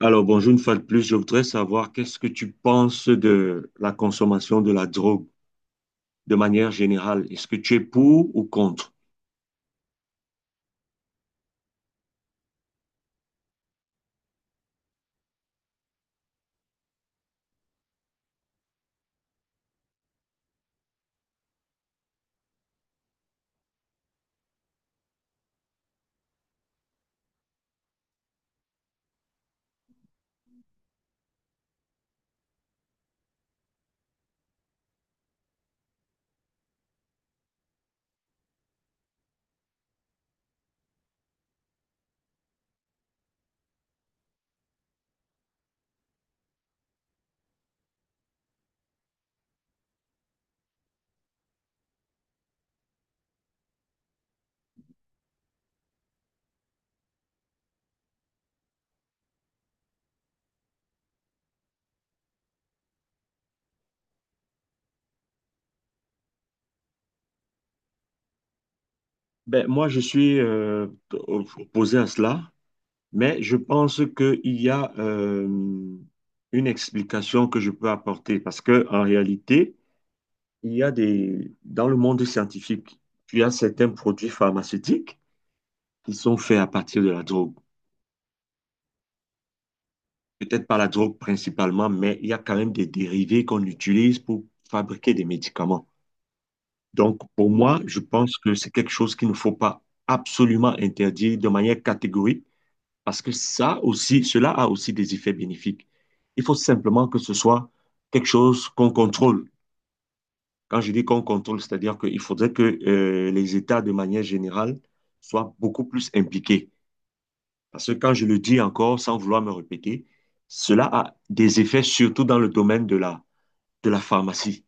Alors, bonjour une fois de plus. Je voudrais savoir qu'est-ce que tu penses de la consommation de la drogue de manière générale. Est-ce que tu es pour ou contre? Ben, moi, je suis opposé à cela, mais je pense qu'il y a une explication que je peux apporter parce que en réalité, il y a dans le monde scientifique, il y a certains produits pharmaceutiques qui sont faits à partir de la drogue. Peut-être pas la drogue principalement, mais il y a quand même des dérivés qu'on utilise pour fabriquer des médicaments. Donc, pour moi, je pense que c'est quelque chose qu'il ne faut pas absolument interdire de manière catégorique, parce que ça aussi, cela a aussi des effets bénéfiques. Il faut simplement que ce soit quelque chose qu'on contrôle. Quand je dis qu'on contrôle, c'est-à-dire qu'il faudrait que les États, de manière générale, soient beaucoup plus impliqués. Parce que quand je le dis encore, sans vouloir me répéter, cela a des effets surtout dans le domaine de de la pharmacie.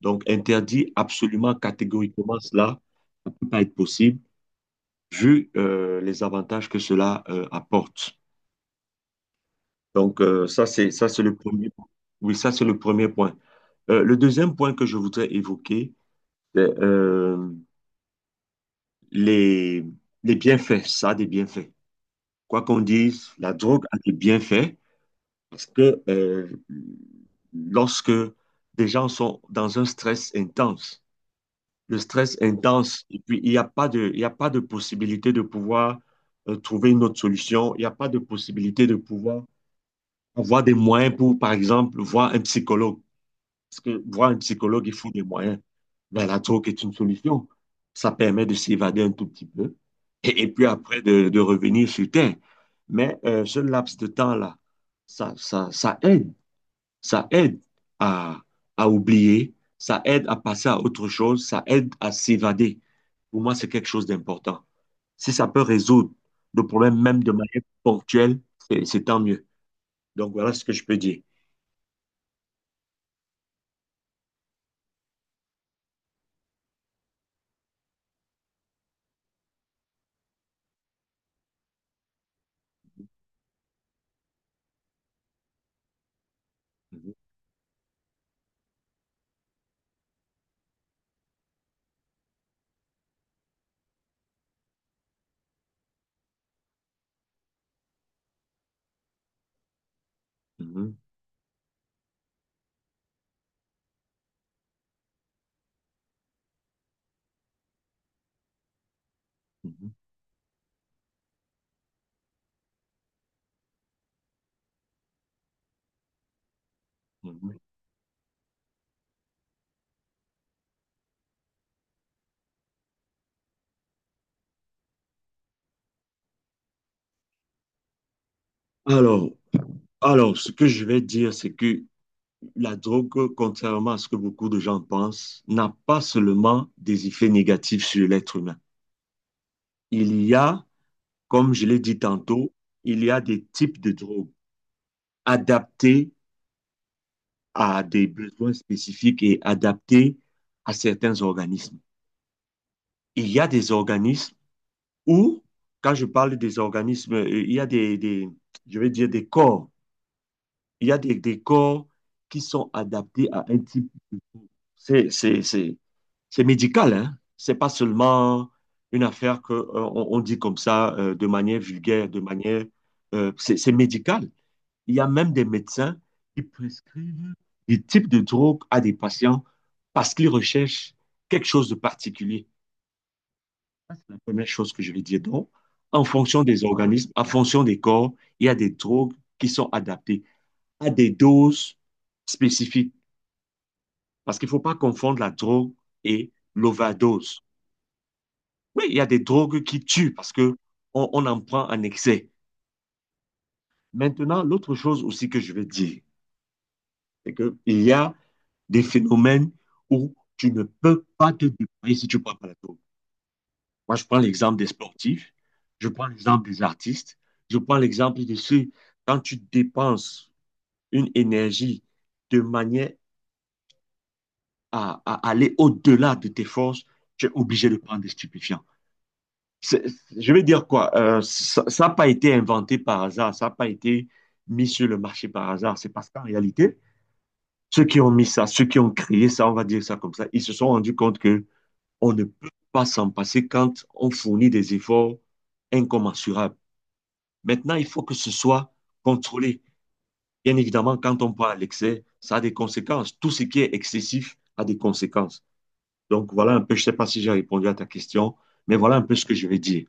Donc, interdit absolument catégoriquement cela, ça ne peut pas être possible, vu les avantages que cela apporte. Donc, ça, c'est le premier point. Oui, ça, c'est le premier point. Le deuxième point que je voudrais évoquer, c'est les, les bienfaits. Ça a des bienfaits. Quoi qu'on dise, la drogue a des bienfaits. Parce que lorsque des gens sont dans un stress intense, le stress intense, et puis il n'y a pas de, il y a pas de possibilité de pouvoir trouver une autre solution, il n'y a pas de possibilité de pouvoir avoir des moyens pour, par exemple, voir un psychologue. Parce que voir un psychologue, il faut des moyens. Ben, la drogue est une solution. Ça permet de s'évader un tout petit peu et puis après de revenir sur Terre. Mais ce laps de temps-là, ça aide. Ça aide à, à oublier, ça aide à passer à autre chose, ça aide à s'évader. Pour moi, c'est quelque chose d'important. Si ça peut résoudre le problème même de manière ponctuelle, c'est tant mieux. Donc voilà ce que je peux dire. Mhm, mhm, mhm, mhm. Alors, alors, ce que je vais dire, c'est que la drogue, contrairement à ce que beaucoup de gens pensent, n'a pas seulement des effets négatifs sur l'être humain. Il y a, comme je l'ai dit tantôt, il y a des types de drogues, adapté à des besoins spécifiques et adapté à certains organismes. Il y a des organismes où, quand je parle des organismes, il y a je vais dire des corps. Il y a des corps qui sont adaptés à un type. C'est, c'est, c'est, c'est médical, hein. C'est pas seulement une affaire que, on, dit comme ça, de manière vulgaire, de manière, c'est médical. Il y a même des médecins qui prescrivent des types de drogues à des patients parce qu'ils recherchent quelque chose de particulier. Ça, c'est la première chose que je vais dire. Donc, en fonction des organismes, en fonction des corps, il y a des drogues qui sont adaptées à des doses spécifiques. Parce qu'il ne faut pas confondre la drogue et l'overdose. Oui, il y a des drogues qui tuent parce que on en prend en excès. Maintenant, l'autre chose aussi que je vais dire, c'est qu'il y a des phénomènes où tu ne peux pas te déployer si tu ne prends pas la tour. Moi, je prends l'exemple des sportifs, je prends l'exemple des artistes, je prends l'exemple de ceux, quand tu dépenses une énergie de manière à aller au-delà de tes forces, tu es obligé de prendre des stupéfiants. C'est- je vais dire quoi, ça n'a pas été inventé par hasard, ça n'a pas été mis sur le marché par hasard. C'est parce qu'en réalité, ceux qui ont mis ça, ceux qui ont créé ça, on va dire ça comme ça, ils se sont rendus compte que On ne peut pas s'en passer quand on fournit des efforts incommensurables. Maintenant, il faut que ce soit contrôlé. Bien évidemment, quand on prend à l'excès, ça a des conséquences. Tout ce qui est excessif a des conséquences. Donc voilà un peu, je ne sais pas si j'ai répondu à ta question, mais voilà un peu ce que je vais dire.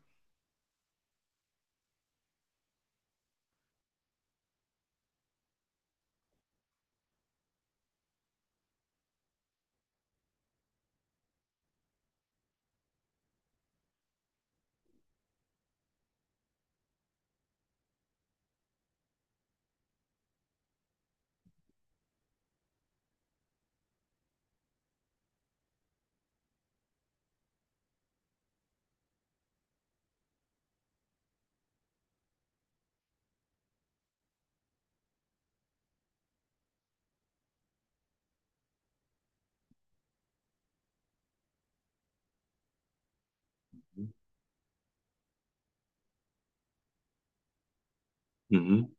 Mhm,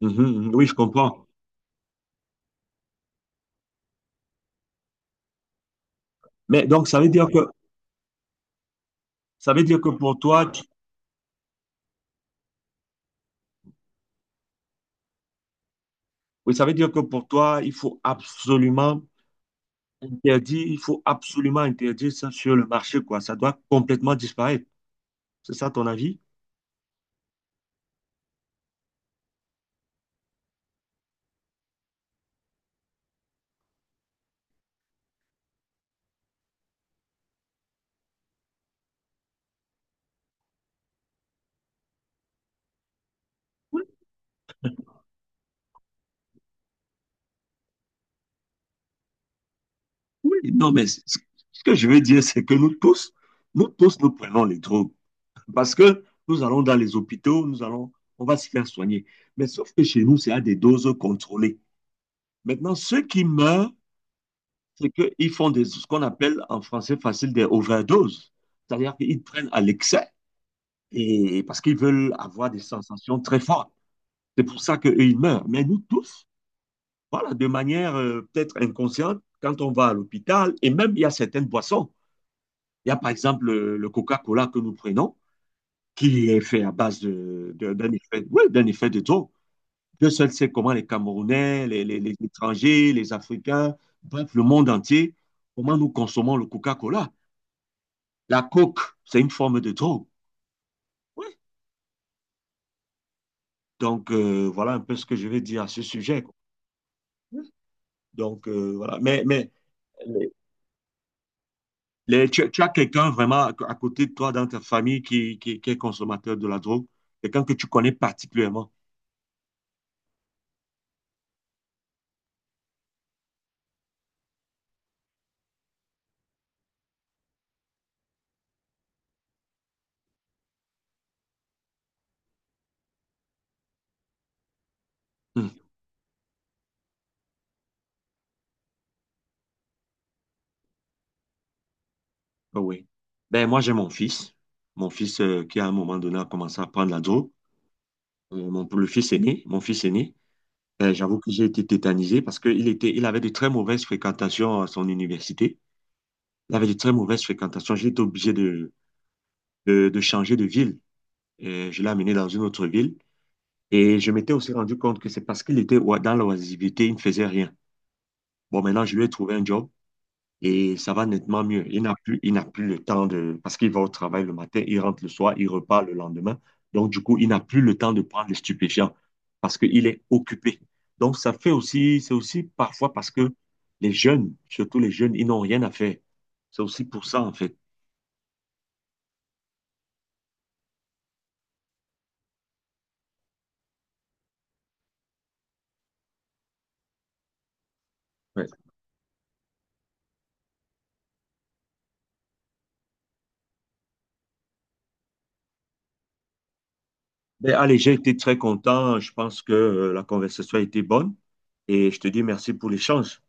mhm, mhm. Oui, je comprends. Mais donc, ça veut dire que, ça veut dire que pour toi, tu- oui, ça veut dire que pour toi, il faut absolument interdire, il faut absolument interdire ça sur le marché, quoi. Ça doit complètement disparaître. C'est ça ton avis? Oui, oui, non, mais c- ce que je veux dire, c'est que nous tous, nous tous, nous prenons les drogues parce que nous allons dans les hôpitaux, nous allons, on va se faire soigner. Mais sauf que chez nous, c'est à des doses contrôlées. Maintenant, ceux qui meurent, c'est qu'ils font ce qu'on appelle en français facile des overdoses. C'est-à-dire qu'ils prennent à l'excès et parce qu'ils veulent avoir des sensations très fortes. C'est pour ça qu'eux, ils meurent. Mais nous tous, voilà, de manière peut-être inconsciente, quand on va à l'hôpital, et même il y a certaines boissons. Il y a par exemple le Coca-Cola que nous prenons, qui est fait à base d'un effet, oui, d'un effet de taux. Dieu seul sait comment les Camerounais, les étrangers, les Africains, bref, le monde entier, comment nous consommons le Coca-Cola. La coke, c'est une forme de drogue. Oui. Donc, voilà un peu ce que je vais dire à ce sujet, quoi. Oui. Donc, voilà. Mais les- tu as quelqu'un vraiment à côté de toi dans ta famille qui est consommateur de la drogue, quelqu'un que tu connais particulièrement. Oh oui. Ben, moi, j'ai mon fils. Mon fils qui, à un moment donné, a commencé à prendre la drogue. Le fils aîné, mon fils aîné. Ben, j'avoue que j'ai été tétanisé parce qu'il était, il avait de très mauvaises fréquentations à son université. Il avait de très mauvaises fréquentations. J'ai été obligé de changer de ville. Je l'ai amené dans une autre ville. Et je m'étais aussi rendu compte que c'est parce qu'il était oi- dans l'oisiveté, il ne faisait rien. Bon, maintenant, je lui ai trouvé un job. Et ça va nettement mieux. Il n'a plus le temps de... Parce qu'il va au travail le matin, il rentre le soir, il repart le lendemain. Donc, du coup, il n'a plus le temps de prendre les stupéfiants parce qu'il est occupé. Donc, ça fait aussi, c'est aussi parfois parce que les jeunes, surtout les jeunes, ils n'ont rien à faire. C'est aussi pour ça, en fait. Ouais. Mais allez, j'ai été très content. Je pense que la conversation a été bonne et je te dis merci pour l'échange.